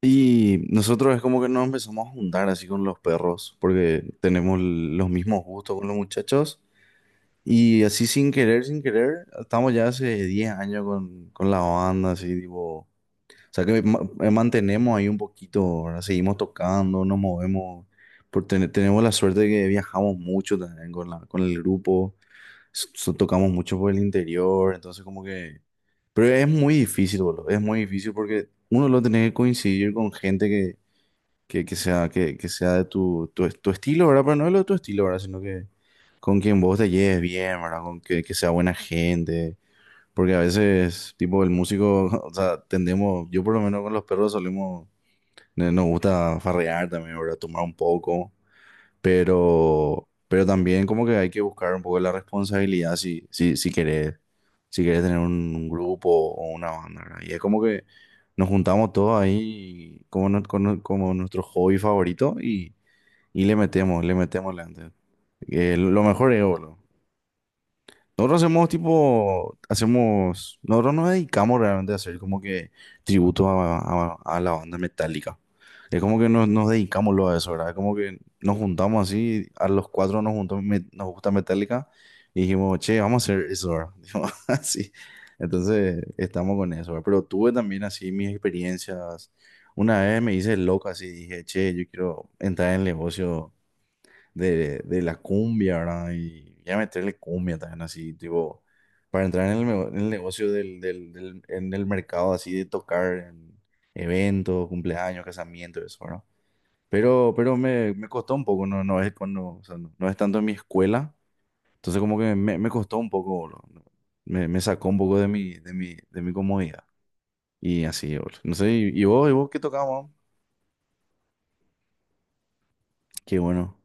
Y nosotros es como que nos empezamos a juntar así con los perros, porque tenemos los mismos gustos con los muchachos. Y así sin querer, sin querer, estamos ya hace 10 años con la banda, así tipo... O sea que mantenemos ahí un poquito, ¿verdad? Seguimos tocando, nos movemos. Tenemos la suerte de que viajamos mucho también con, la, con el grupo, tocamos mucho por el interior, entonces como que... Pero es muy difícil, boludo. Es muy difícil porque uno lo tiene que coincidir con gente que que sea de tu estilo, ¿verdad? Pero no de lo de tu estilo, ¿verdad? Sino que con quien vos te lleves bien, ¿verdad? Que sea buena gente. Porque a veces, tipo, el músico, o sea, tendemos, yo por lo menos con los perros solemos, nos gusta farrear también, ¿verdad? Tomar un poco, pero también como que hay que buscar un poco la responsabilidad si querés, si querés tener un grupo o una banda, ¿verdad? Y es como que nos juntamos todos ahí como, no- como, como nuestro hobby favorito y le metemos, le metemos le antes. Lo mejor es, boludo. Nosotros hacemos tipo, hacemos, nosotros nos dedicamos realmente a hacer como que tributos a la banda metálica. Es como que nos dedicamos lo a eso, ¿verdad? Es como que nos juntamos así, a los cuatro nos juntamos, nos gusta Metallica y dijimos, che, vamos a hacer eso, ¿verdad? Dijimos así. Entonces estamos con eso, ¿verdad? Pero tuve también así mis experiencias. Una vez me hice loco así, dije, che, yo quiero entrar en el negocio de la cumbia, ¿verdad? Y ya meterle cumbia también así, tipo, para entrar en en el negocio en el mercado así de tocar en eventos, cumpleaños, casamientos, eso, ¿verdad? Pero me costó un poco, no, no es cuando, o sea, no, no es tanto en mi escuela, entonces como que me costó un poco, boludo, ¿no? Me sacó un poco de de mi comodidad. Y así, boludo. No sé, ¿y, y vos qué tocabas, man? Qué bueno.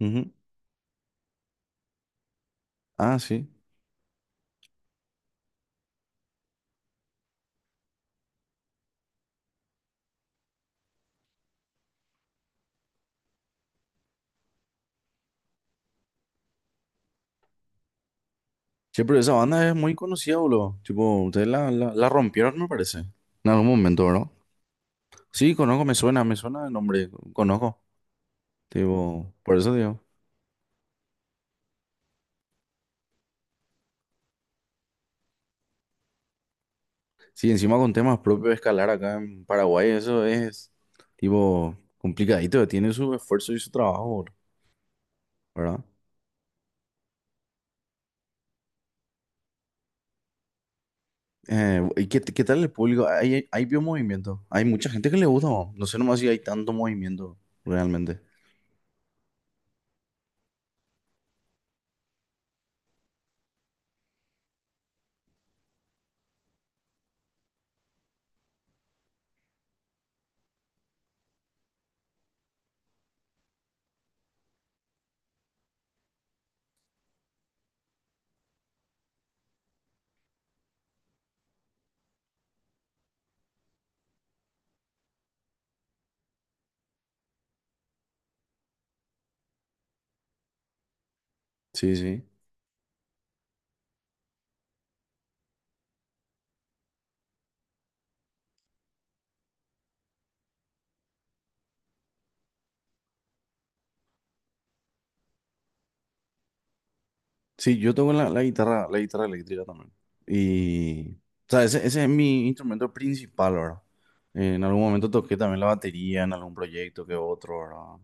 Ujú. Ah, sí. Sí, pero esa banda es muy conocida, boludo. Tipo, ustedes la rompieron, me parece. En algún momento, ¿verdad? Sí, conozco, me suena el nombre, conozco. Tipo, por eso digo. Sí, encima con temas propios de escalar acá en Paraguay, eso es, tipo, complicadito. Tiene su esfuerzo y su trabajo, boludo, ¿verdad? ¿Y qué, qué tal el público? ¿Hay, hay vio movimiento? Hay mucha gente que le gusta, ¿no? No sé nomás si hay tanto movimiento, realmente. Sí, sí. Sí, yo toco la guitarra eléctrica también. Y, o sea, ese es mi instrumento principal, ¿verdad? En algún momento toqué también la batería en algún proyecto que otro, ¿verdad?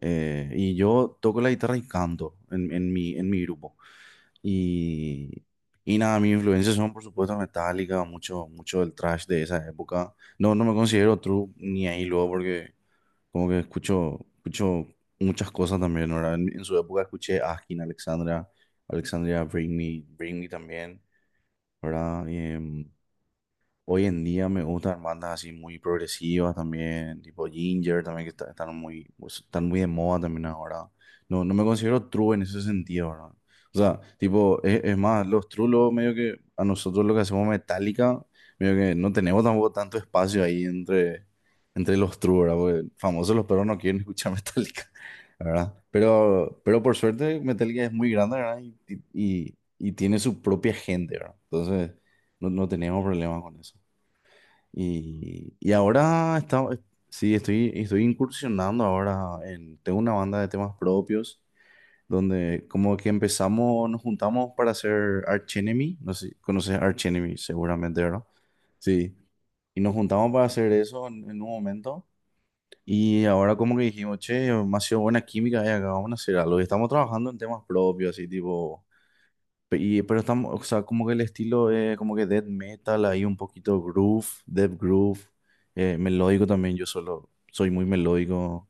Y yo toco la guitarra y canto en mi grupo. Y, y nada, mis influencias son, por supuesto, Metallica, mucho, mucho del thrash de esa época. No, no me considero true ni ahí luego porque como que escucho, escucho muchas cosas también, ¿verdad? En su época escuché Askin, Alexandra, Alexandria Britney, Britney también, ¿verdad? Y, hoy en día me gustan bandas así muy progresivas también, tipo Ginger también, están muy, pues, están muy de moda también ahora. No, no me considero true en ese sentido, ¿verdad? O sea, tipo, es más, los true luego medio que a nosotros lo que hacemos Metallica, medio que no tenemos tampoco tanto espacio ahí entre, entre los true, ¿verdad? Porque famosos los perros no quieren escuchar Metallica, ¿verdad? Pero por suerte Metallica es muy grande, ¿verdad? Y y tiene su propia gente, ¿verdad? Entonces, no, no tenemos problemas con eso. Y ahora está, sí, estoy, estoy incursionando ahora en, tengo una banda de temas propios donde como que empezamos, nos juntamos para hacer Archenemy, no sé, conoces Archenemy seguramente, ¿verdad? Sí, y nos juntamos para hacer eso en un momento y ahora como que dijimos, che, me ha sido buena química, y acá vamos a hacer algo y estamos trabajando en temas propios, así tipo. Y, pero estamos, o sea, como que el estilo es como que death metal, ahí un poquito groove, death groove, melódico también, yo solo soy muy melódico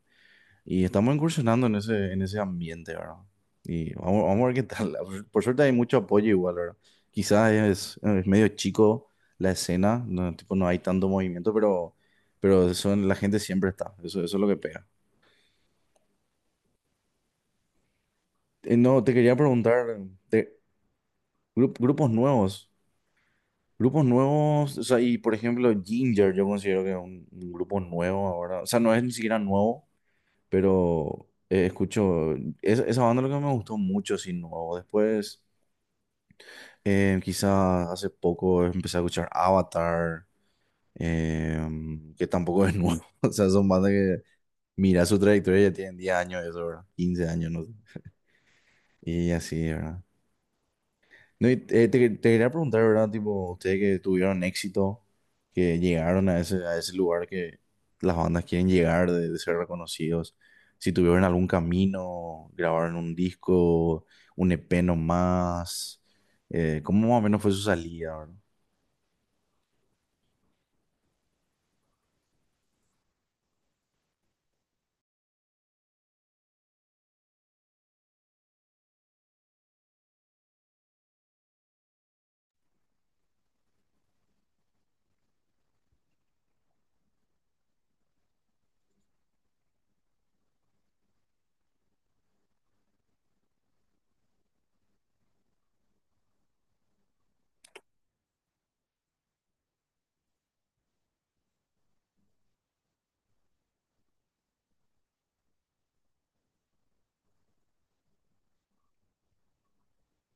y estamos incursionando en ese ambiente, ¿verdad? Y vamos, vamos a ver qué tal. Por suerte hay mucho apoyo igual, ¿verdad? Quizás es medio chico la escena, no, tipo, no hay tanto movimiento, pero eso, la gente siempre está, eso es lo que pega. No, te quería preguntar, de grupos nuevos. Grupos nuevos, o sea, y por ejemplo, Ginger, yo considero que es un grupo nuevo ahora. O sea, no es ni siquiera nuevo, pero escucho. Esa esa banda lo que me gustó mucho, sí, nuevo. Después, quizás hace poco empecé a escuchar Avatar, que tampoco es nuevo. O sea, son bandas que, mira su trayectoria, y ya tienen 10 años, eso, ¿verdad? 15 años, no sé. Y así, ¿verdad? No, y, te quería preguntar, ¿verdad? Tipo, ustedes que tuvieron éxito, que llegaron a ese lugar que las bandas quieren llegar, de ser reconocidos, si tuvieron algún camino, grabaron un disco, un EP nomás, ¿cómo más o menos fue su salida, verdad?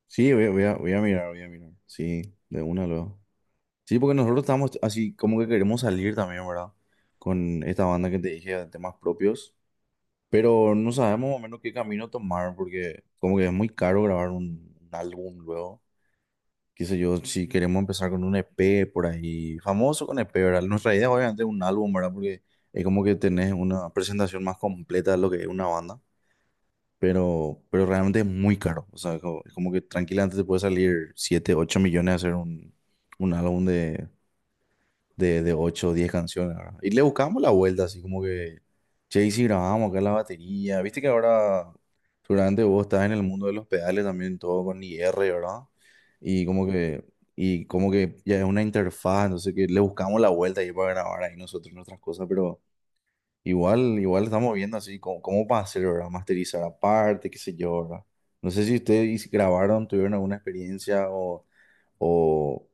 Sí, voy a, voy a, voy a mirar, voy a mirar. Sí, de una luego. Sí, porque nosotros estamos así como que queremos salir también, ¿verdad? Con esta banda que te dije de temas propios. Pero no sabemos más o menos qué camino tomar porque como que es muy caro grabar un álbum luego. Qué sé yo, si queremos empezar con un EP por ahí, famoso con EP, ¿verdad? Nuestra idea obviamente es un álbum, ¿verdad? Porque es como que tenés una presentación más completa de lo que es una banda, pero realmente es muy caro. O sea, es como que tranquilamente te puede salir 7 8 millones hacer un álbum de, de 8 o 10 canciones, ¿verdad? Y le buscamos la vuelta, así como que, che, y si grabamos acá la batería, viste que ahora seguramente vos estás en el mundo de los pedales también, todo con IR, ¿verdad? Y como que, y como que ya es una interfaz, entonces que le buscamos la vuelta ahí para grabar ahí nosotros nuestras cosas, pero igual, igual estamos viendo así cómo, cómo para hacer, ¿verdad? Masterizar aparte, qué sé yo, ¿verdad? No sé si ustedes grabaron, tuvieron alguna experiencia o,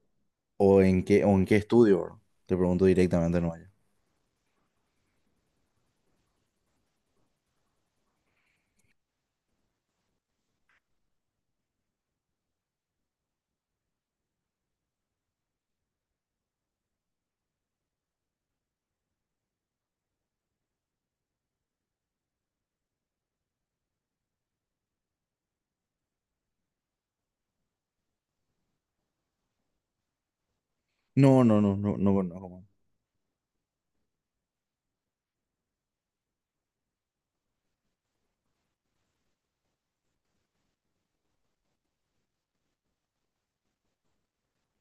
o en qué estudio, ¿verdad? Te pregunto directamente, no. No, no, no, no, no conozco, man.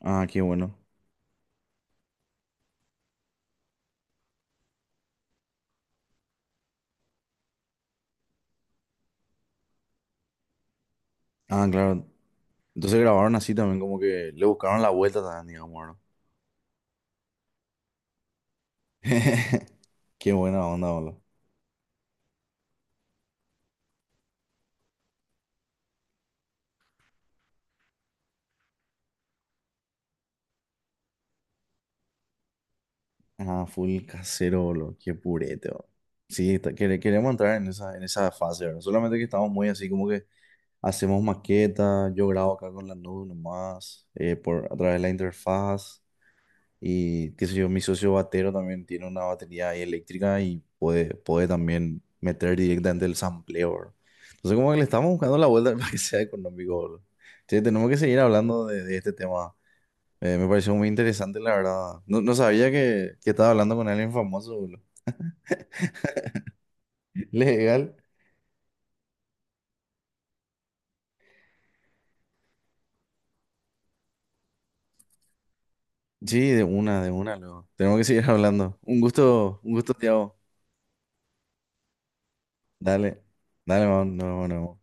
Ah, qué bueno. Ah, claro. Entonces grabaron así también, como que le buscaron la vuelta también, digamos, ¿no? Qué buena onda, boludo. Ah, full casero, boludo. Qué purete, boludo. Sí, queremos entrar en esa fase, ¿verdad? Solamente que estamos muy así como que hacemos maquetas. Yo grabo acá con la nube nomás, por, a través de la interfaz. Y qué sé yo, mi socio batero también tiene una batería ahí eléctrica y puede, puede también meter directamente el sampleo, bro. Entonces, como que le estamos buscando la vuelta para que sea económico, bro. Che, tenemos que seguir hablando de este tema. Me pareció muy interesante, la verdad. No, no sabía que estaba hablando con alguien famoso, boludo. Legal. Sí, de una, luego. Tenemos que seguir hablando. Un gusto, Tiago. Dale, dale, man. No, no.